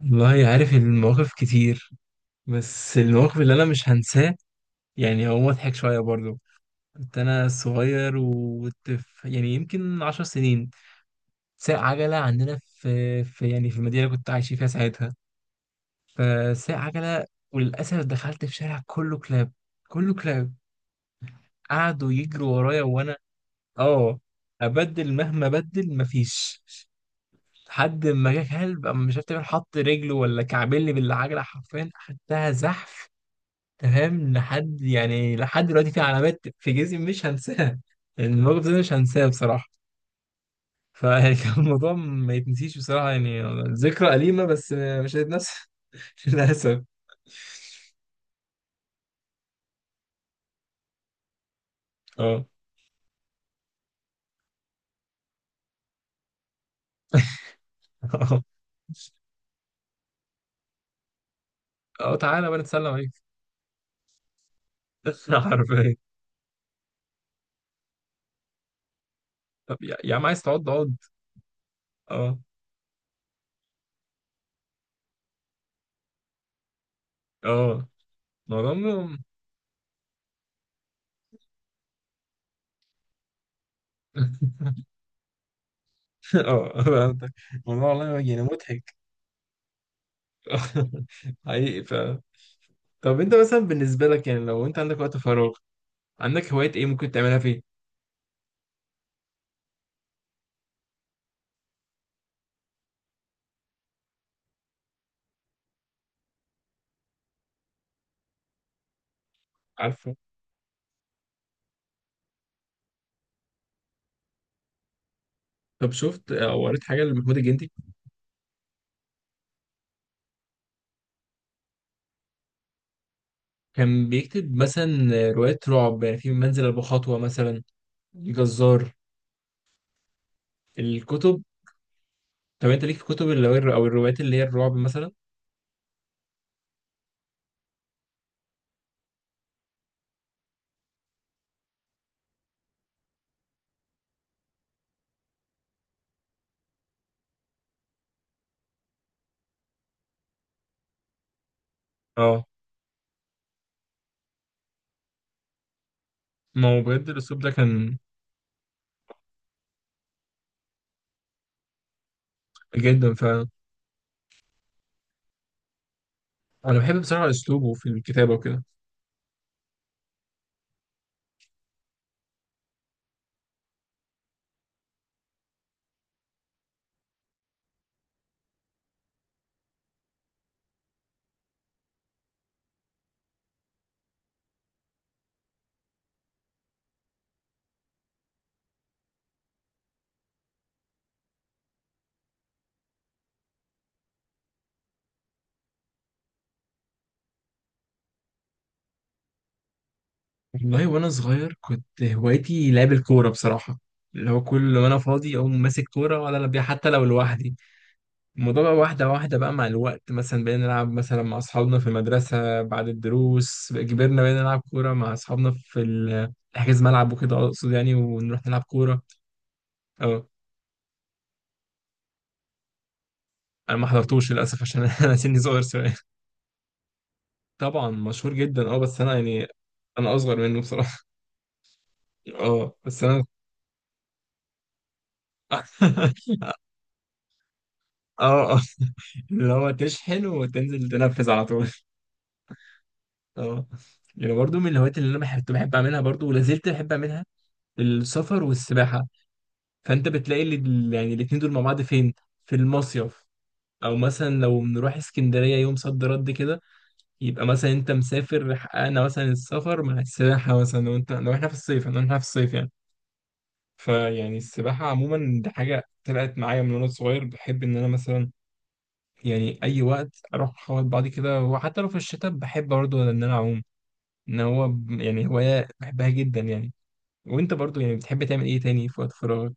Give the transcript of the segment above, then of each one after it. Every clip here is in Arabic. والله، عارف إن المواقف كتير، بس المواقف اللي انا مش هنساه، يعني هو مضحك شويه برضو. كنت انا صغير وكنت يعني يمكن 10 سنين. ساق عجله عندنا في المدينه اللي كنت عايش فيها ساعتها. فساق عجله، وللاسف دخلت في شارع كله كلاب، كله كلاب. قعدوا يجروا ورايا وانا اه ابدل مهما ابدل مفيش. لحد ما جه كلب، أما مش عارف تقريباً حط رجله ولا كعبلي بالعجله، حرفيا خدتها زحف. تمام، لحد دلوقتي في علامات في جسمي مش هنساها. يعني الموقف ده مش هنساه بصراحة. فيعني كان الموضوع ما يتنسيش بصراحة يعني. ذكرى أليمة بس مش هتتنسى. للأسف. اه، اه، اه، تعالى بقى نتسلم عليك. عارفين. طب، يا عم، عايز تقعد اقعد. اه، اه، الموضوع م- اه، فهمتك. الموضوع والله يعني مضحك. حقيقي. طب، انت مثلا بالنسبة لك، يعني لو انت عندك وقت فراغ، عندك هوايات ايه ممكن تعملها فيه؟ عارفه. طب، شفت او قريت حاجه لمحمود الجندي؟ كان بيكتب مثلا روايات رعب، يعني في منزل ابو خطوه مثلا، الجزار، الكتب. طب، انت ليك في كتب اللي هو او الروايات اللي هي الرعب مثلا؟ اه. ما هو بجد الاسلوب ده كان جدا فعلا. انا بحب بصراحه اسلوبه في الكتابه وكده. والله وانا صغير كنت هوايتي لعب الكوره بصراحه، اللي هو كل ما انا فاضي اقوم ماسك كوره ولا بيها، حتى لو لوحدي. الموضوع بقى واحدة واحدة بقى مع الوقت، مثلا بقينا نلعب مثلا مع أصحابنا في المدرسة بعد الدروس. كبرنا بقينا نلعب كورة مع أصحابنا في حجز ملعب وكده، أقصد يعني ونروح نلعب كورة. أه، أنا ما حضرتوش للأسف عشان أنا سني صغير شوية. طبعا مشهور جدا. أه، بس أنا يعني أنا أصغر منه بصراحة. أه، بس أنا. أه، أه، اللي هو تشحن وتنزل تنفذ على طول. أه، يعني برضو من الهوايات اللي أنا كنت بحب أعملها برضو ولا زلت بحب أعملها، السفر والسباحة. فانت بتلاقي اللي يعني الاتنين دول مع بعض فين؟ في المصيف، او مثلا لو بنروح اسكندريه يوم صد رد كده. يبقى مثلا انت مسافر، حققنا مثلا السفر مع السباحه، مثلا لو انت لو احنا في الصيف لو احنا في الصيف يعني. فيعني السباحه عموما دي حاجه طلعت معايا من وانا صغير، بحب ان انا مثلا، يعني اي وقت اروح اخبط بعضي كده، وحتى لو في الشتاء بحب برضه ان انا اعوم. ان هو يعني هوايه بحبها جدا يعني. وانت برضه يعني بتحب تعمل ايه تاني في وقت فراغك؟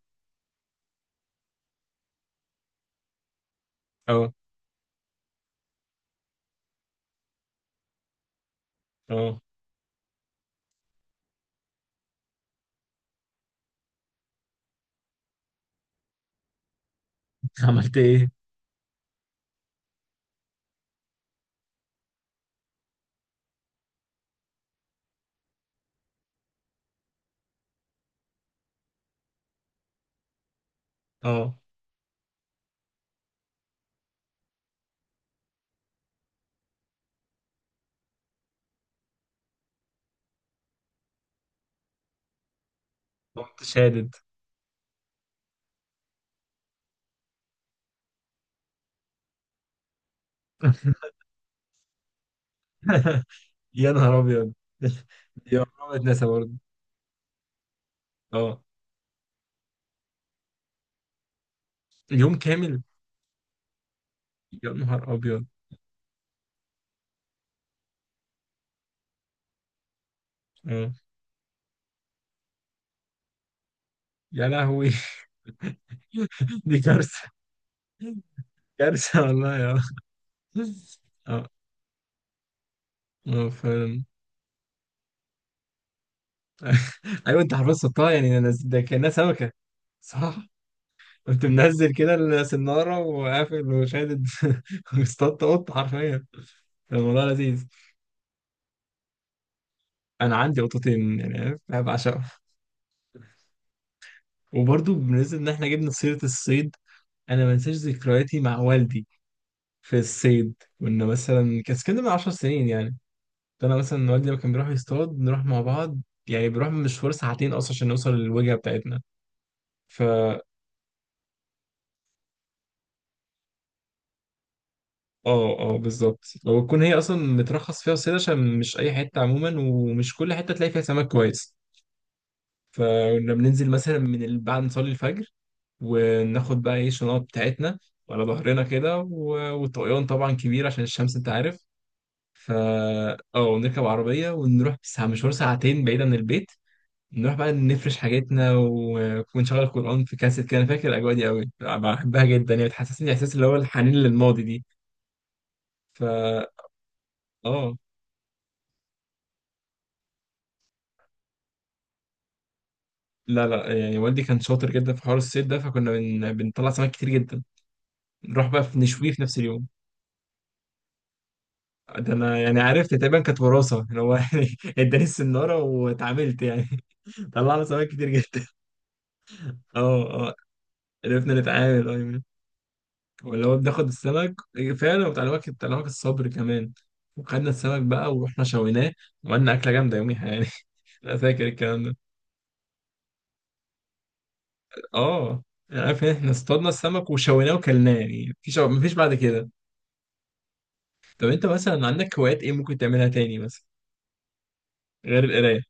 اه، اه. عملت ايه؟ اه، قمت شادد. يا نهار ابيض. دي عمرها ما تنسى برضه. اه، اليوم كامل. يا نهار ابيض. اه، يا لهوي. دي كارثه. كارثه والله، يا، اه، اه، فعلا. ايوه، انت حفظتها. يعني ده كانها سمكه، صح. كنت منزل كده السناره وقافل وشادد. واصطدت قط حرفيا. كان الموضوع لذيذ. انا عندي قطتين، يعني عارف؟ انا بعشقهم. وبرضو بالنسبة إن إحنا جبنا سيرة الصيد، أنا ما أنساش ذكرياتي مع والدي في الصيد. كنا مثلا كان كده من 10 سنين يعني. فأنا مثلا والدي لما كان بيروح يصطاد نروح مع بعض، يعني بنروح مشوار ساعتين أصلا عشان نوصل للوجهة بتاعتنا. فا آه، آه، بالظبط، وتكون هي أصلا مترخص فيها الصيد عشان مش أي حتة عموما، ومش كل حتة تلاقي فيها سمك كويس. فكنا بننزل مثلا بعد نصلي الفجر. وناخد بقى إيه الشنط بتاعتنا على ظهرنا كده، والطقيان طبعا كبير عشان الشمس، انت عارف. فا اه، نركب عربية ونروح ساعة، مشوار ساعتين بعيد عن البيت. نروح بقى نفرش حاجتنا و- ونشغل قرآن في كاسيت كده، أنا فاكر الأجواء دي أوي، بحبها جدا يعني. بتحسسني إحساس اللي هو الحنين للماضي دي. فا اه، لا، لا، يعني والدي كان شاطر جدا في حوار الصيد ده، فكنا بنطلع سمك كتير جدا. نروح بقى في نشويه في نفس اليوم. ده أنا يعني عرفت تقريبا كانت وراثة، اللي هو يعني اداني السنارة واتعاملت يعني. طلعنا سمك كتير جدا. اه، اه، عرفنا نتعامل، اه. واللي هو بناخد السمك، إيه، فعلا بتاع الوقت الصبر كمان. وخدنا السمك بقى ورحنا شويناه، وعملنا أكلة جامدة يوميها يعني. أنا فاكر الكلام ده، اه. يعني عارف إن احنا اصطادنا السمك وشويناه وكلناه، يعني مفيش بعد كده. طب، انت مثلا عندك هوايات ايه ممكن تعملها تاني مثلا غير القراية؟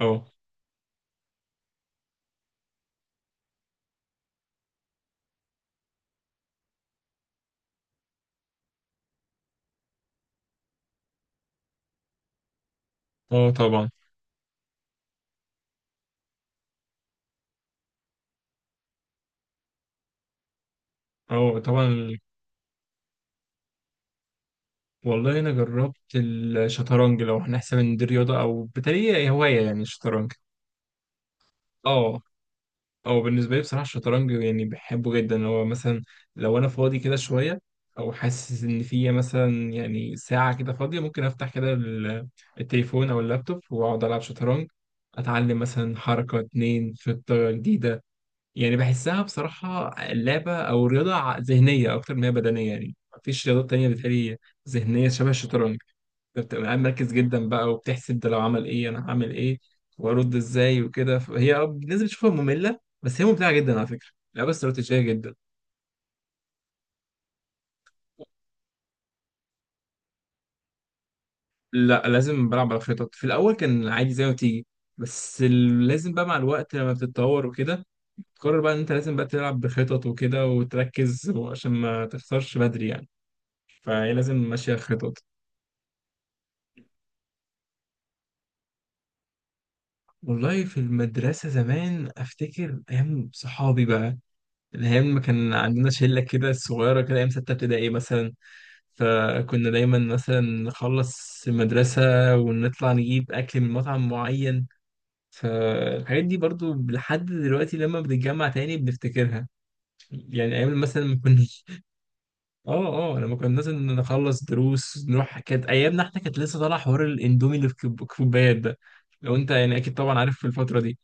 اه، اه، طبعا، اه، طبعا. والله انا جربت الشطرنج، لو هنحسب ان دي رياضة، او بالتالي هي هواية يعني الشطرنج. اه، او بالنسبه لي بصراحه الشطرنج يعني بحبه جدا، اللي هو مثلا لو انا فاضي كده شويه، او حاسس ان في مثلا يعني ساعه كده فاضيه، ممكن افتح كده التليفون او اللابتوب واقعد العب شطرنج. اتعلم مثلا حركه، اتنين خطه جديده. يعني بحسها بصراحه لعبه او رياضه ذهنيه اكتر ما هي بدنيه، يعني مفيش رياضات تانية بتهيألي ذهنيه شبه الشطرنج. بتبقى قاعد مركز جدا بقى، وبتحسب ده لو عمل ايه انا هعمل ايه، وارد ازاي وكده. فهي اه، بالنسبه تشوفها ممله بس هي ممتعه جدا على فكره، لعبه استراتيجيه جدا. لا، لازم بلعب على خطط. في الاول كان عادي زي ما تيجي، بس لازم بقى مع الوقت لما بتتطور وكده. تقرر بقى ان انت لازم بقى تلعب بخطط وكده وتركز عشان ما تخسرش بدري يعني، فهي لازم ماشيه خطط. والله في المدرسه زمان افتكر ايام صحابي بقى، الأيام ما كان عندنا شلة كده صغيرة كده، أيام ستة ابتدائي مثلا. فكنا دايما مثلا نخلص المدرسة ونطلع نجيب أكل من مطعم معين. فالحاجات دي برضو لحد دلوقتي لما بنتجمع تاني بنفتكرها، يعني أيام مثلا ما كناش. اه، اه، لما كنا مثلا نخلص دروس نروح كانت أيامنا. احنا كانت لسه طالع حوار الإندومي اللي في كوبايات ده. لو أنت يعني أكيد طبعا عارف في الفترة دي،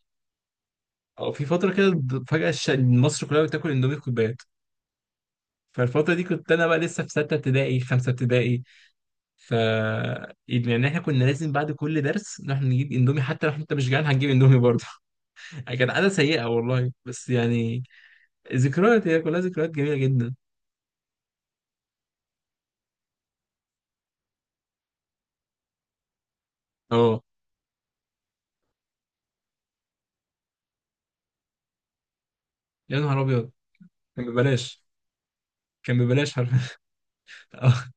أو في فترة كده فجأة مصر كلها بتاكل إندومي في كوبايات. فالفترة دي كنت أنا بقى لسه في ستة ابتدائي، خمسة ابتدائي. ف يعني احنا كنا لازم بعد كل درس نروح نجيب اندومي، حتى لو انت مش جعان هتجيب اندومي برضه. كانت عادة سيئة والله، بس يعني ذكريات، هي كلها ذكريات جميلة جدا. اه، يا نهار أبيض. كان ببلاش. كان ببلاش حرفيا. اه،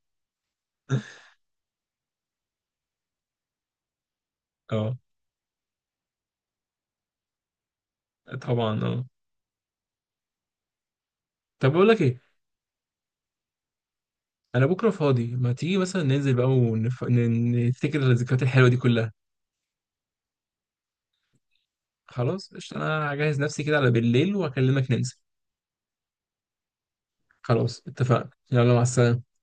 اه، طبعا، اه. طب، بقول لك ايه، انا بكره فاضي. ما تيجي مثلا ننزل بقى نفتكر الذكريات الحلوه دي كلها. خلاص قشطة، انا هجهز نفسي كده على بالليل واكلمك ننزل. خلاص اتفقنا، يلا، مع السلامة.